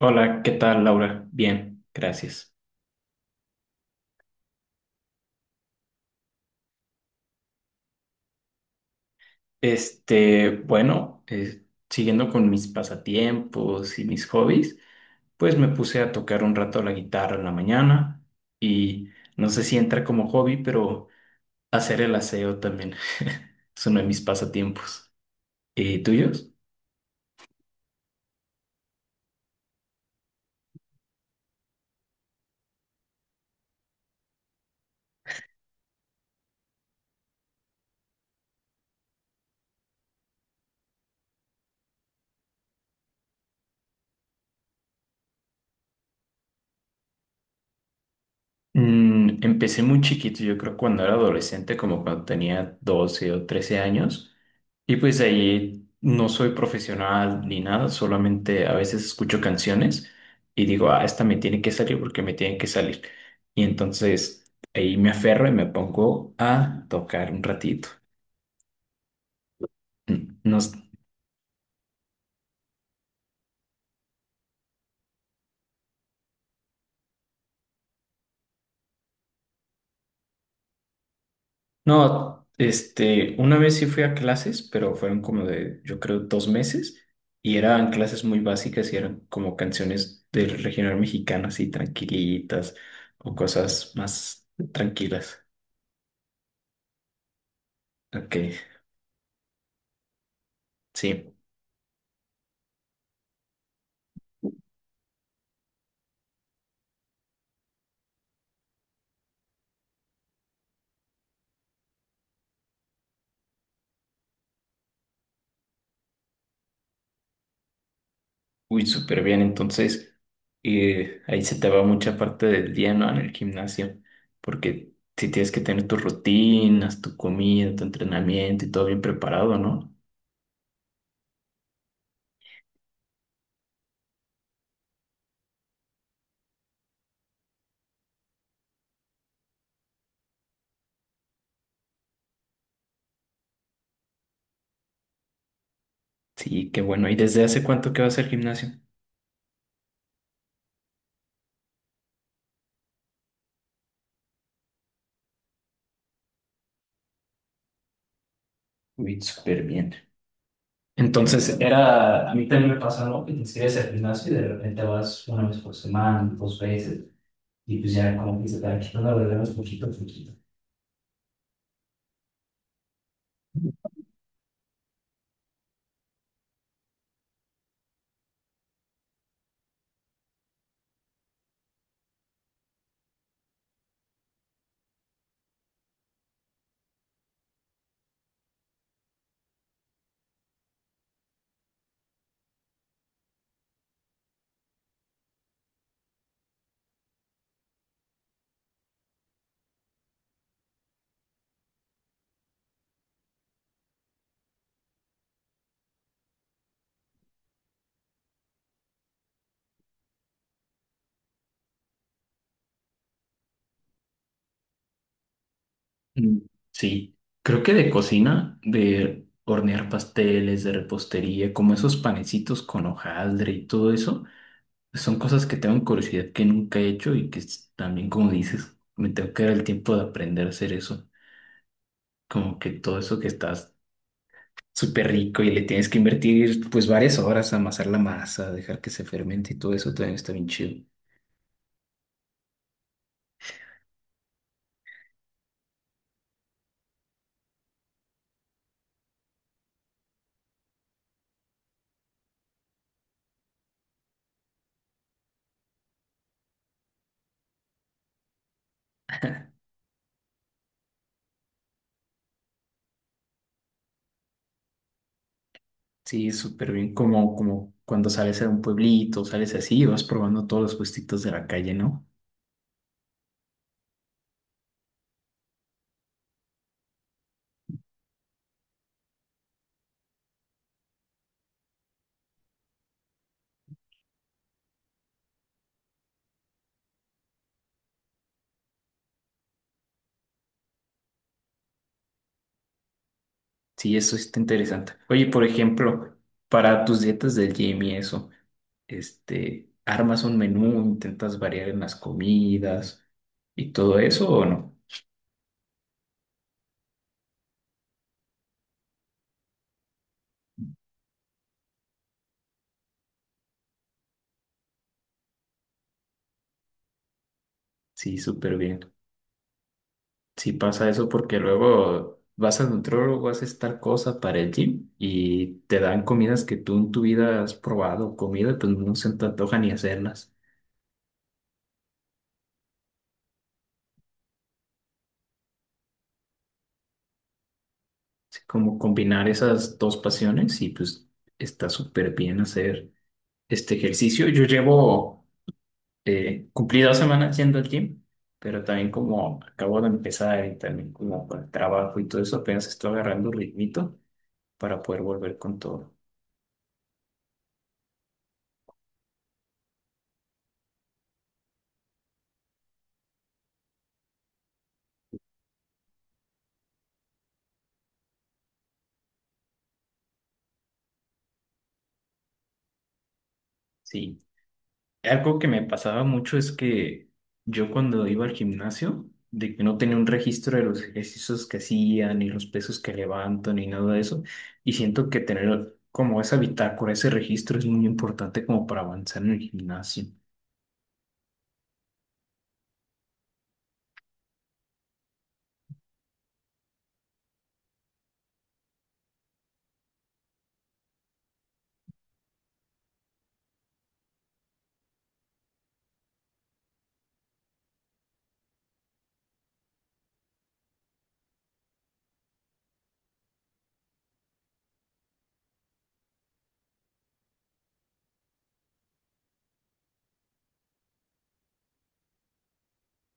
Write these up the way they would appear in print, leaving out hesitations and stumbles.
Hola, ¿qué tal, Laura? Bien, gracias. Bueno, siguiendo con mis pasatiempos y mis hobbies, pues me puse a tocar un rato la guitarra en la mañana y no sé si entra como hobby, pero hacer el aseo también es uno de mis pasatiempos. ¿Y tuyos? Empecé muy chiquito, yo creo cuando era adolescente, como cuando tenía 12 o 13 años. Y pues ahí no soy profesional ni nada, solamente a veces escucho canciones y digo, ah, esta me tiene que salir porque me tiene que salir. Y entonces ahí me aferro y me pongo a tocar un ratito. No, no, una vez sí fui a clases, pero fueron como de, yo creo, 2 meses y eran clases muy básicas y eran como canciones del regional mexicano, así tranquilitas o cosas más tranquilas. Ok, sí, uy, súper bien. Entonces, ahí se te va mucha parte del día, ¿no? En el gimnasio, porque si tienes que tener tus rutinas, tu comida, tu entrenamiento y todo bien preparado, ¿no? Sí, qué bueno. ¿Y desde hace cuánto que vas al gimnasio? Uy, súper bien. Entonces era, a mí también me pasa, ¿no? Que te inscribes al gimnasio y de repente vas una vez por semana, dos veces, y pues ya como que se te va quitando los problemas poquito a poquito. Mm, Sí, creo que de cocina, de hornear pasteles, de repostería, como esos panecitos con hojaldre y todo eso, son cosas que tengo curiosidad que nunca he hecho y que también, como dices, me tengo que dar el tiempo de aprender a hacer eso. Como que todo eso que estás súper rico y le tienes que invertir pues varias horas a amasar la masa, dejar que se fermente y todo eso también está bien chido. Sí, es súper bien, como, como cuando sales a un pueblito, sales así y vas probando todos los puestitos de la calle, ¿no? Sí, eso está interesante. Oye, por ejemplo, para tus dietas del gym y eso, ¿armas un menú, intentas variar en las comidas y todo eso o no? Sí, súper bien. Si pasa eso porque luego vas a nutrólogo, haces tal cosa para el gym y te dan comidas que tú en tu vida has probado, comida, pues no se te antoja ni hacerlas. Así como combinar esas dos pasiones y pues está súper bien hacer este ejercicio. Yo llevo cumplí 2 semanas yendo al gym, pero también como acabo de empezar y también como con el trabajo y todo eso, apenas estoy agarrando ritmito para poder volver con todo. Sí. Algo que me pasaba mucho es que yo cuando iba al gimnasio, de que no tenía un registro de los ejercicios que hacía, ni los pesos que levanto, ni nada de eso, y siento que tener como esa bitácora, ese registro es muy importante como para avanzar en el gimnasio.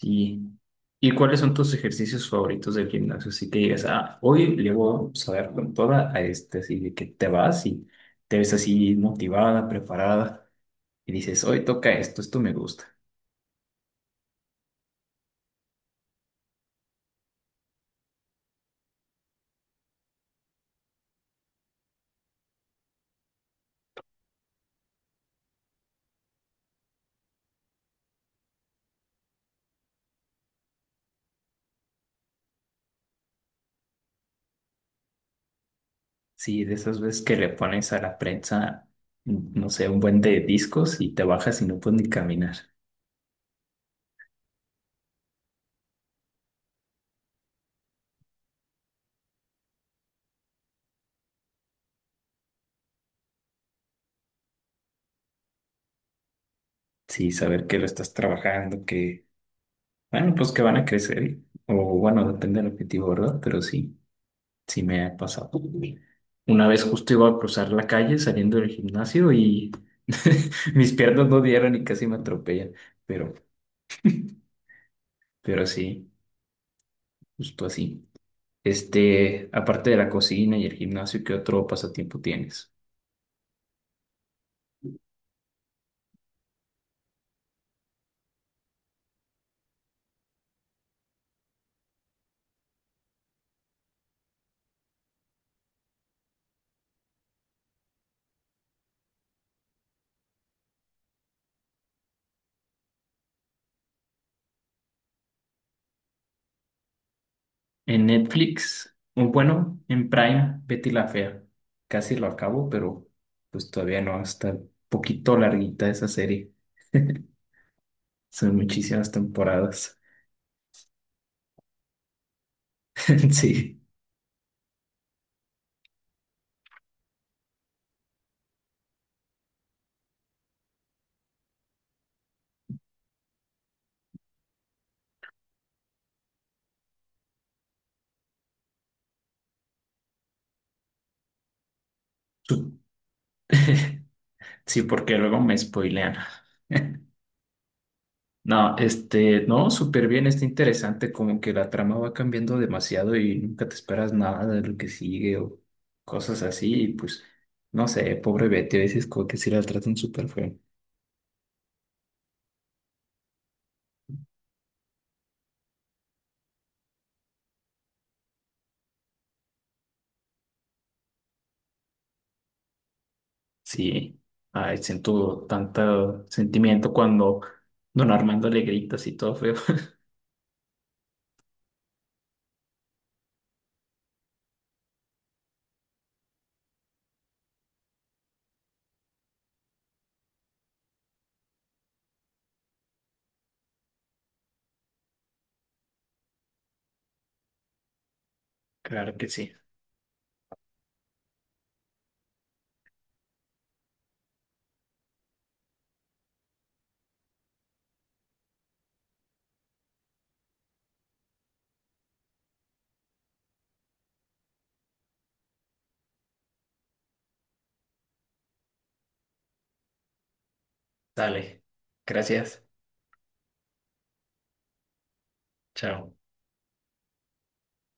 Sí. ¿Y cuáles son tus ejercicios favoritos del gimnasio? Así que digas, ah, hoy le voy a dar con toda a este, así de que te vas y te ves así motivada, preparada, y dices, hoy toca esto, esto me gusta. Sí, de esas veces que le pones a la prensa, no sé, un buen de discos y te bajas y no puedes ni caminar. Sí, saber que lo estás trabajando, que, bueno, pues que van a crecer, o bueno, depende del objetivo, ¿verdad? Pero sí, sí me ha pasado. Una vez justo iba a cruzar la calle saliendo del gimnasio y mis piernas no dieron y casi me atropellan, pero, pero sí, justo así. Aparte de la cocina y el gimnasio, ¿qué otro pasatiempo tienes? En Netflix, un bueno, en Prime, Betty la Fea. Casi lo acabo, pero pues todavía no, está un poquito larguita esa serie. Son muchísimas temporadas. Sí, Su- sí, porque luego me spoilean. No, no, súper bien, está interesante, como que la trama va cambiando demasiado y nunca te esperas nada de lo que sigue o cosas así, y pues, no sé, pobre Betty, a veces como que sí la tratan súper feo. Sí, ay, siento tanto sentimiento cuando don Armando le grita así todo feo. Claro que sí. Dale. Gracias. Chao.